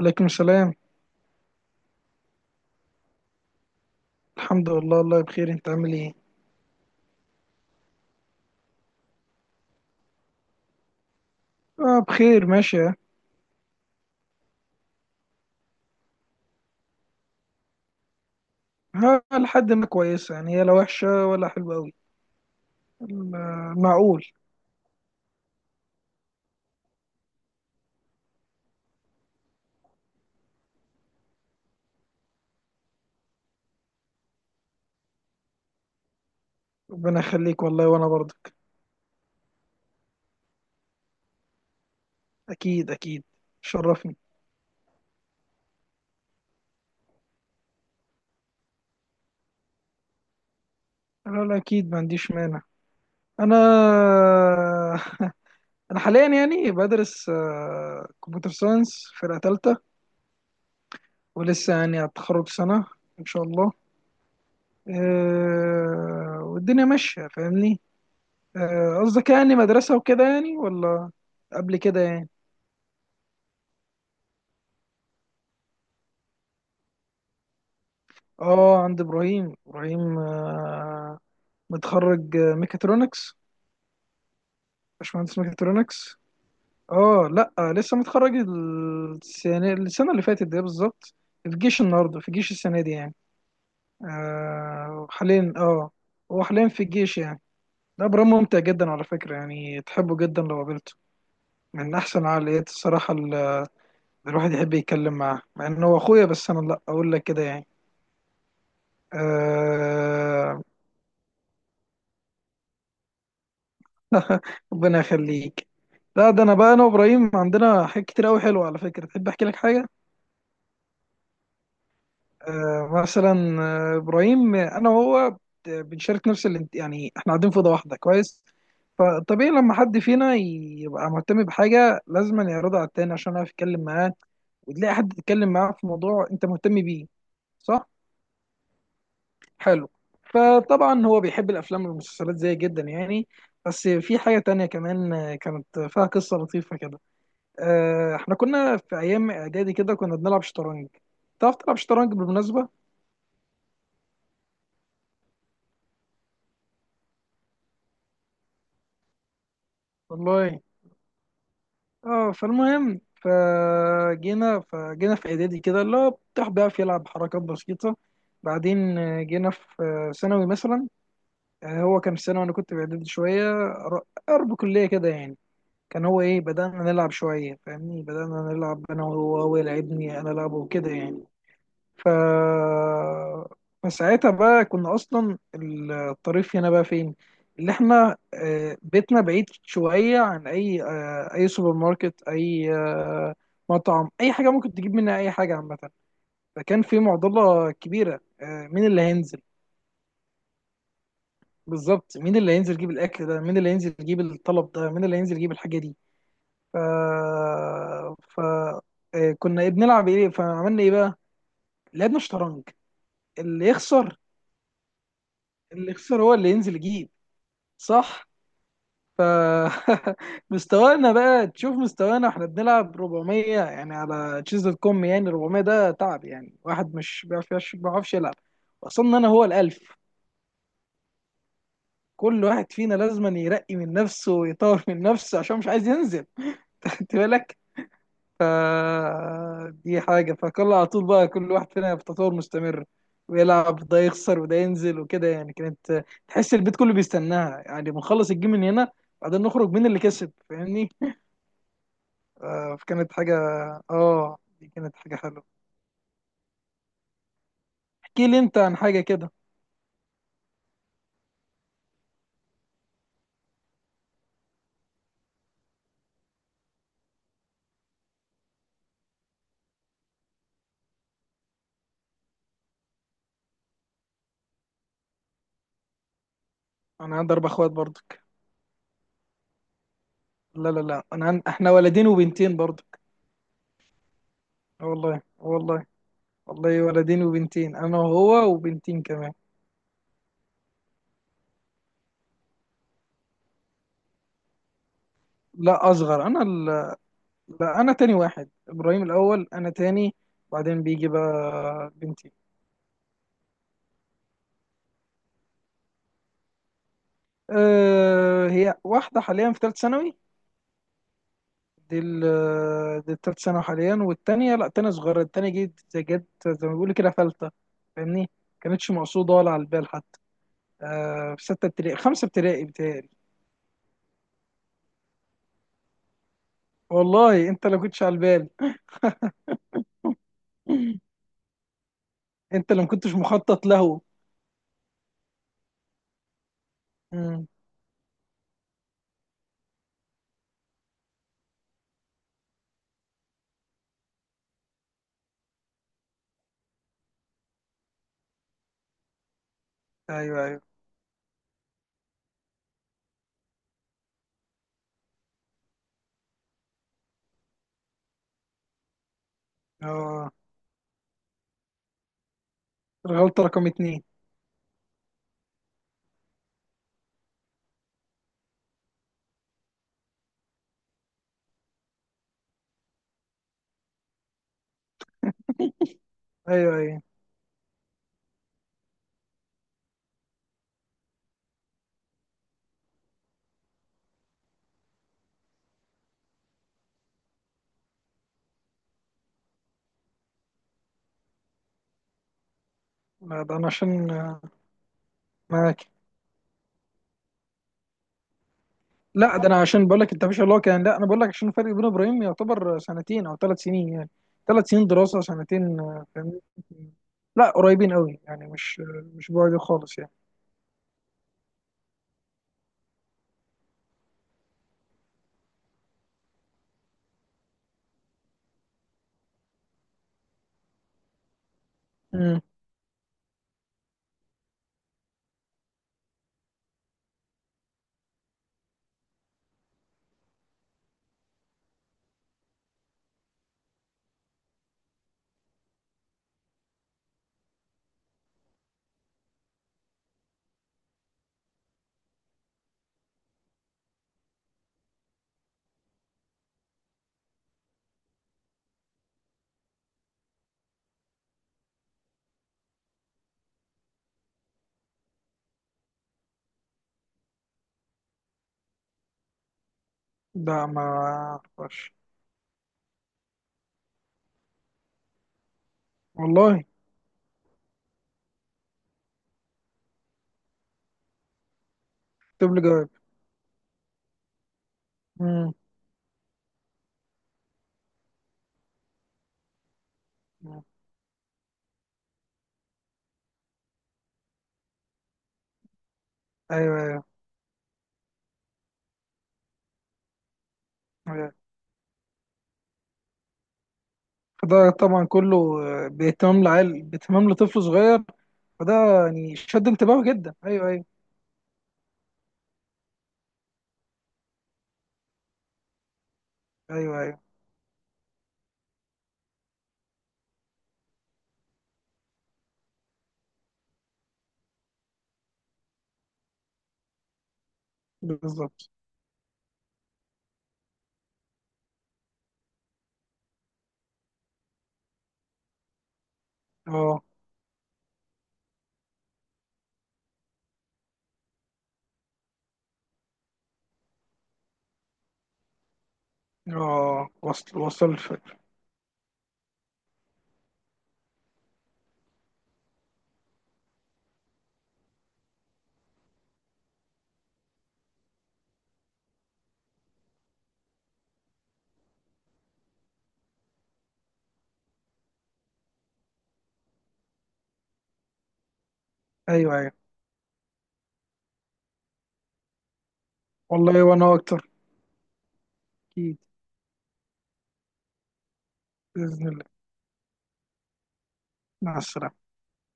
عليكم السلام. الحمد لله، الله بخير. انت عامل ايه؟ اه بخير ماشية. ها، لحد ما كويسة يعني، هي لا وحشة ولا حلوة أوي. معقول. ربنا يخليك والله، وأنا برضك. أكيد أكيد، شرفني. لا لا، أكيد ما عنديش مانع. أنا أنا حاليا يعني بدرس كمبيوتر ساينس، فرقة تالتة. ولسه يعني هتخرج سنة إن شاء الله. والدنيا ماشية، فاهمني. قصدك يعني مدرسة وكده يعني، ولا قبل كده يعني. اه، عند ابراهيم. ابراهيم متخرج، ميكاترونكس. باشمهندس ميكاترونكس. اه لا، لسه متخرج السنة اللي فاتت دي بالظبط. في جيش النهارده، في جيش السنة دي يعني. آه حاليا، اه هو حاليا في الجيش يعني. ده ابراهيم ممتع جدا على فكرة، يعني تحبه جدا لو قابلته. من احسن العقليات الصراحة اللي الواحد يحب يتكلم معاه، مع ان هو اخويا بس انا لا اقول لك كده يعني. آه... ربنا يخليك. لا ده انا بقى، انا وابراهيم عندنا حاجات كتير قوي حلوه على فكره، تحب احكي لك حاجه؟ آه مثلا، ابراهيم، انا وهو بنشارك نفس يعني احنا قاعدين في اوضه واحده، كويس. فطبيعي لما حد فينا يبقى مهتم بحاجه لازم يعرضها على التاني، عشان اعرف اتكلم معاه وتلاقي حد تتكلم معاه في موضوع انت مهتم بيه، صح؟ حلو. فطبعا هو بيحب الافلام والمسلسلات زي جدا يعني. بس في حاجه تانية كمان، كانت فيها قصه لطيفه كده. احنا كنا في ايام اعدادي كده، كنا بنلعب شطرنج. تعرف تلعب شطرنج بالمناسبه؟ والله اه. فالمهم فجينا في اعدادي كده، اللي هو بتاع بيعرف يلعب حركات بسيطه. بعدين جينا في ثانوي مثلا. هو كان في ثانوي وانا كنت في اعدادي شويه، قرب كليه كده يعني. كان هو ايه، بدأنا نلعب شوية فاهمني، بدأنا نلعب انا وهو، هو يلعبني انا العبه وكده يعني. ف فساعتها بقى، كنا اصلا الطريف هنا بقى فين، اللي احنا بيتنا بعيد شوية عن اي اي سوبر ماركت، اي مطعم، اي حاجة ممكن تجيب منها اي حاجة عامة. فكان في معضلة كبيرة، مين اللي هينزل. بالظبط، مين اللي هينزل يجيب الاكل ده، مين اللي هينزل يجيب الطلب ده، مين اللي هينزل يجيب الحاجة دي. ف ف آه، كنا إيه بنلعب ايه، فعملنا ايه بقى؟ لعبنا شطرنج. اللي يخسر اللي يخسر هو اللي ينزل يجيب. صح. ف مستوانا بقى، تشوف مستوانا، احنا بنلعب 400 يعني على تشيز دوت كوم، يعني 400 ده تعب يعني، واحد مش بيعرف ما بيعرفش يلعب. وصلنا انا هو الالف. كل واحد فينا لازم يرقي من نفسه ويطور من نفسه عشان مش عايز ينزل. انت بالك. فدي حاجة، فكل على طول بقى كل واحد فينا في تطور مستمر، ويلعب ده يخسر وده ينزل وكده يعني. كانت تحس البيت كله بيستناها، يعني بنخلص الجيم من هنا، بعدين نخرج مين اللي كسب، فاهمني. آه، فكانت حاجة، اه دي كانت حاجة حلوة. احكي لي انت عن حاجة كده. انا عندي اربع اخوات برضك. لا لا لا، احنا ولدين وبنتين برضك. آه والله، آه والله، والله ولدين وبنتين، انا وهو وبنتين كمان. لا، اصغر انا. لا، انا تاني واحد، ابراهيم الاول انا تاني. بعدين بيجي بقى بنتي. أه، هي واحده حاليا في ثالث ثانوي. دي ال آه، دي التالت ثانوي حاليا، والتانية لا تانية صغيرة، التانية جت زي ما بيقولوا كده، فلتة، فاهمني. كانتش مقصودة ولا على البال حتى. أه في ستة ابتدائي، خمسة ابتدائي بتهيألي. والله انت اللي كنتش على البال. انت اللي ما كنتش مخطط له. مم. ايوه ايوه. اه الغلطة رقم اتنين. ايوه ايوه. لا، ده انا عشان معاك. لا ده انا عشان بقول لك، انت مش اللي هو كان، لا انا بقول لك عشان الفرق بين ابراهيم يعتبر سنتين او ثلاث سنين يعني. ثلاث سنين دراسه، سنتين، فاهمني. لا قريبين قوي يعني، مش بعيد خالص يعني. امم. لا ما اعرفش. والله. اكتب لي جواب. امم. ايوه ايوه. أيوة. فده طبعا كله باهتمام لعيل، باهتمام لطفل صغير. فده يعني شد انتباهه جدا. ايوه ايوه. ايوه ايوه، بالظبط. اه، اه، وصل الفكر. ايوه ايوه. والله وانا اكتر. أكيد، بإذن الله. مع السلامة.